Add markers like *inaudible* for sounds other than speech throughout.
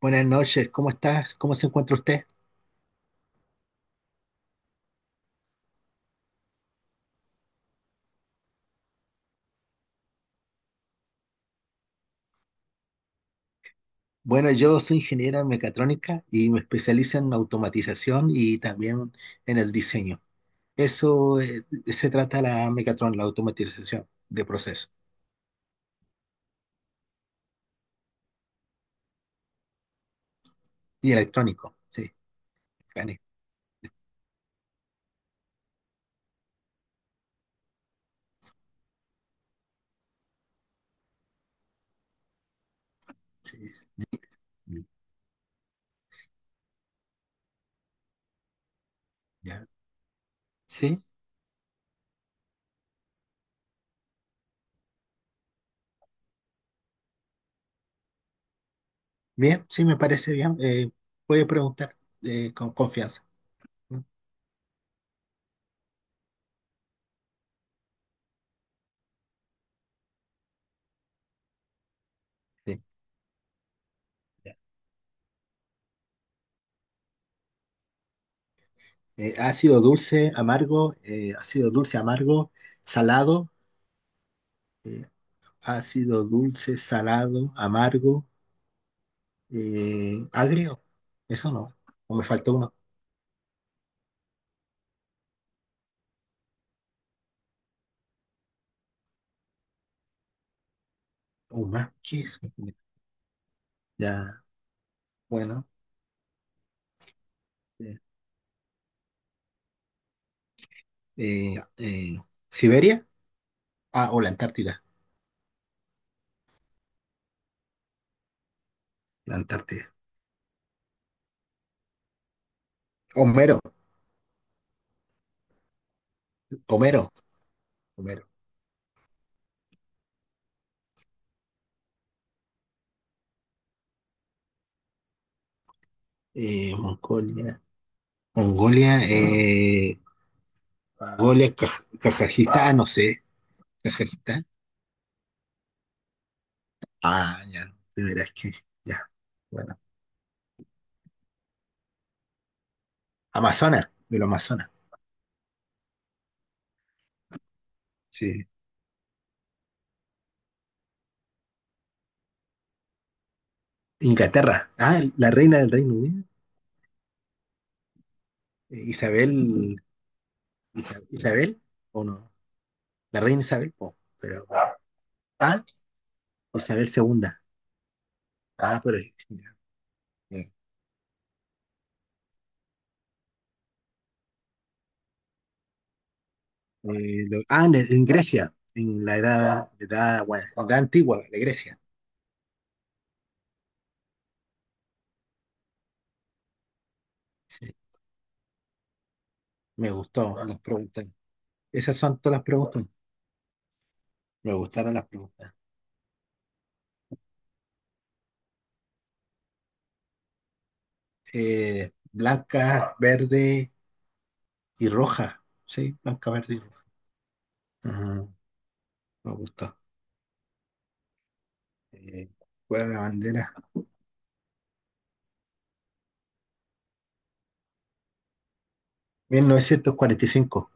Buenas noches, ¿cómo estás? ¿Cómo se encuentra usted? Bueno, yo soy ingeniero en mecatrónica y me especializo en automatización y también en el diseño. Eso se trata la mecatrón, la automatización de procesos y electrónico. Sí, gané. Sí. Mm, ya. Sí. Bien, sí, me parece bien. Voy a preguntar con confianza. Sí. Ya. Ácido dulce, amargo, salado, eh, ácido dulce, salado, amargo, agrio. Eso no. O me faltó uno, uno más. ¿Qué es? Ya, bueno. eh, eh, eh, ¿Siberia? Ah, o la Antártida. La Antártida. Homero, Homero, Homero. Mongolia. Mongolia, Mongolia, Kaj- Kazajistán, no sé, Kazajistán. Ah, ya, de veras que, ya, bueno. Amazonas, de los Amazonas, sí. Inglaterra, ah, la reina del Reino Unido, Isabel, Isa- Isabel, o no, la reina Isabel, po, pero, ah, Isabel segunda, ah, pero, ya, ya. Lo- ah, en Grecia, en la edad, edad, bueno, edad antigua de Grecia, sí, me gustó las preguntas, esas son todas las preguntas, me gustaron las preguntas. Blanca, verde y roja. Sí, blanca, verde y roja. Ajá, me gusta. Eh, ¿Cuál es la bandera? 1945.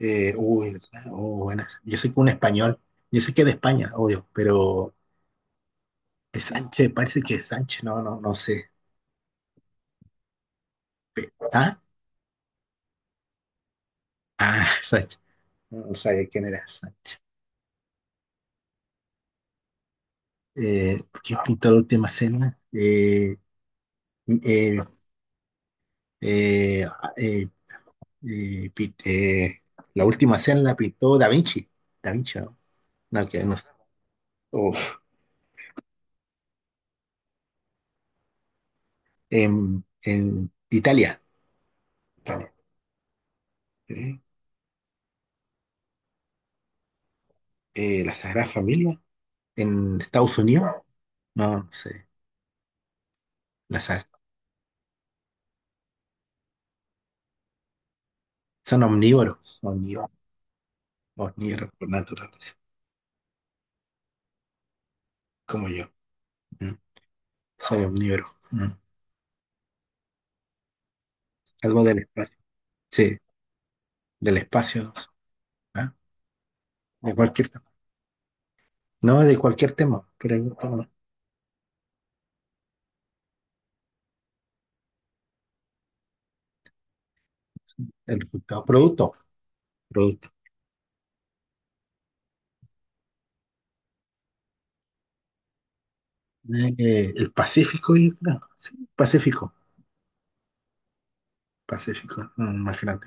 Uy, ¿verdad? Oh, buena. Yo sé que un español. Yo sé que es de España, obvio, pero es Sánchez, parece que es Sánchez. No, no, no sé. Pe- ¿Ah? Ah, *laughs* Sánchez. No, no sabía quién era Sánchez. ¿Quién pintó la última cena? Eh, eh, eh, pi- la última cena la pintó Da Vinci. Da Vinci, ¿no? No, que no sé. Uf. En Italia. Italia. Eh, la Sagrada Familia. En Estados Unidos. No, no sé. La sag- son omnívoros. Omnívoros. Omnívoros por naturaleza. Como yo. ¿Mm? Soy omnívoro. ¿Mm? Algo del espacio. Sí, del espacio. ¿Ah? De cualquier tema. No, de cualquier tema. Pero el resultado. Producto. Producto. El Pacífico, yo creo. Sí, Pacífico. Pacífico, no, más grande.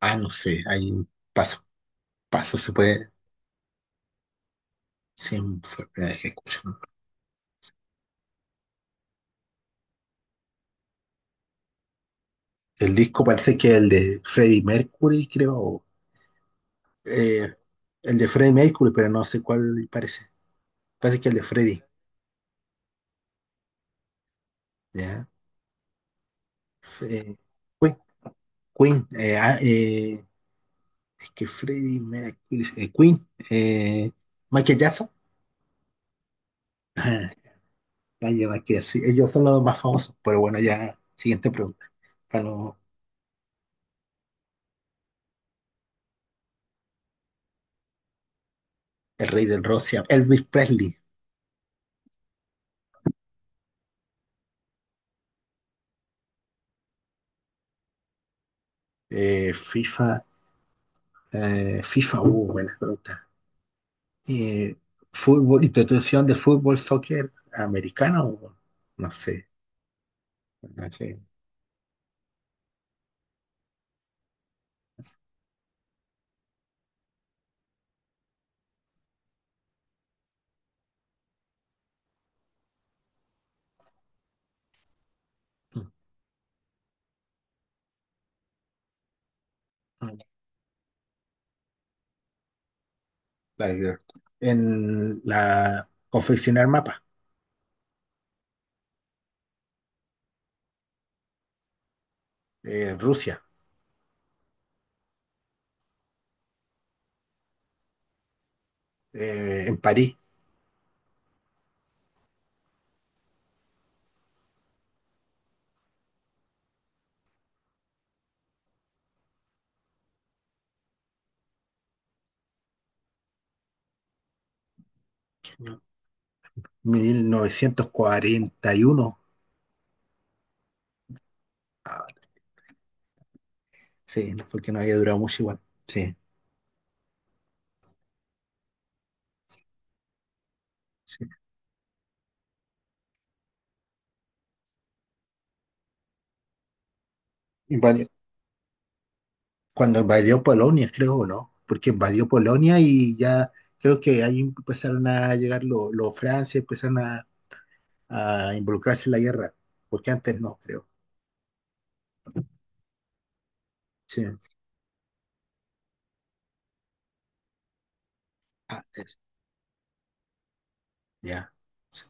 Ah, no sé, hay un paso. Paso se puede. Sí, fue la primera vez que escucho, ¿no? El disco parece que es el de Freddie Mercury, creo. O, eh, el de Freddie Mercury, pero no sé cuál parece. Parece que el de Freddie. ¿Ya? Fe- Queen. Queen, es que Freddie Mercury. Queen. Michael Jackson. *laughs* Ajá, Kanye, Michael, sí, ellos son los más famosos. Pero bueno, ya, siguiente pregunta. Ganó el rey del Rusia, Elvis Presley, FIFA, FIFA, buenas preguntas. Eh, fútbol, institución de fútbol, soccer americano, o no sé. No sé. Like, en la confeccionar mapa, Rusia, en París, 1941. Ah, sí, porque no había durado mucho igual. Sí, sí. Y, bueno, cuando invadió Polonia, creo, ¿no? Porque invadió Polonia y ya creo que ahí empezaron a llegar los Francia, empezaron a involucrarse en la guerra, porque antes no, creo. Sí, ah, es- ya. Sí,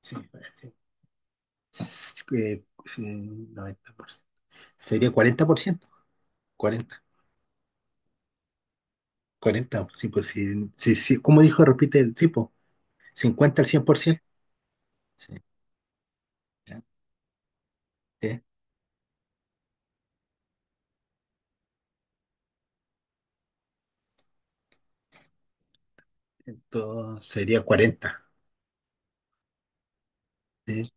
sí, sí. Es que, sí, 90%. Sería 40%, 40, 40. Sí, pues sí, sí, sí, como dijo, repite el tipo, 50 al 100%. Sí, ya, sí. Entonces sería 40. Sí,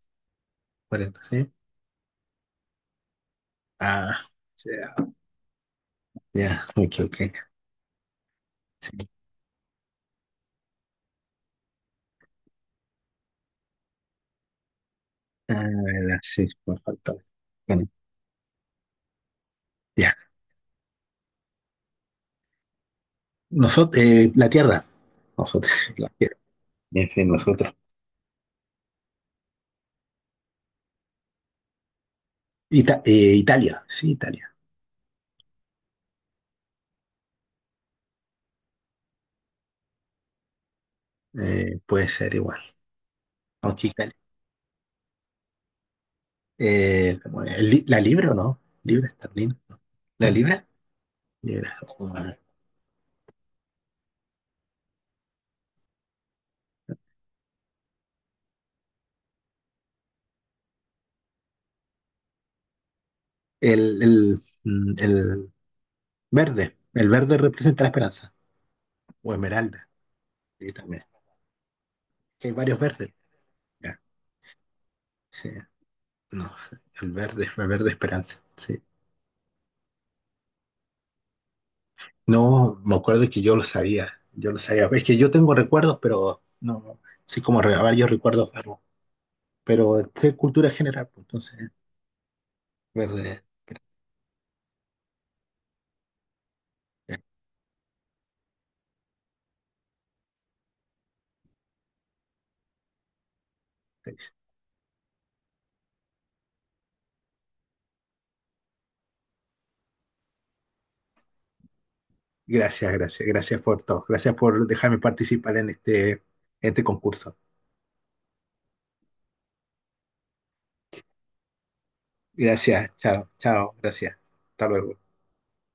40, sí. Ah, sí. Ya, ok, ok. Ah, la- sí, me faltó. Bueno, ya. Nosotros, la Tierra, nosotros, *laughs* la Tierra, en fin, nosotros. Ita- Italia, sí, Italia. Puede ser igual. Aunque Italia. Bueno, el li- ¿la libra o no? ¿Libra esterlina? ¿La libra? Libra. Bueno. El, el verde. El verde representa la esperanza. O esmeralda. Sí, también. Que hay varios verdes. Ya, sí. No sé. El verde esperanza. Sí. No, me acuerdo que yo lo sabía, yo lo sabía. Es que yo tengo recuerdos, pero no, no, sí como re- varios recuerdos, pero, pero qué cultura general, pues, entonces, verde. Gracias, gracias, gracias por todo, gracias por dejarme participar en este concurso. Gracias, chao, chao, gracias. Hasta luego.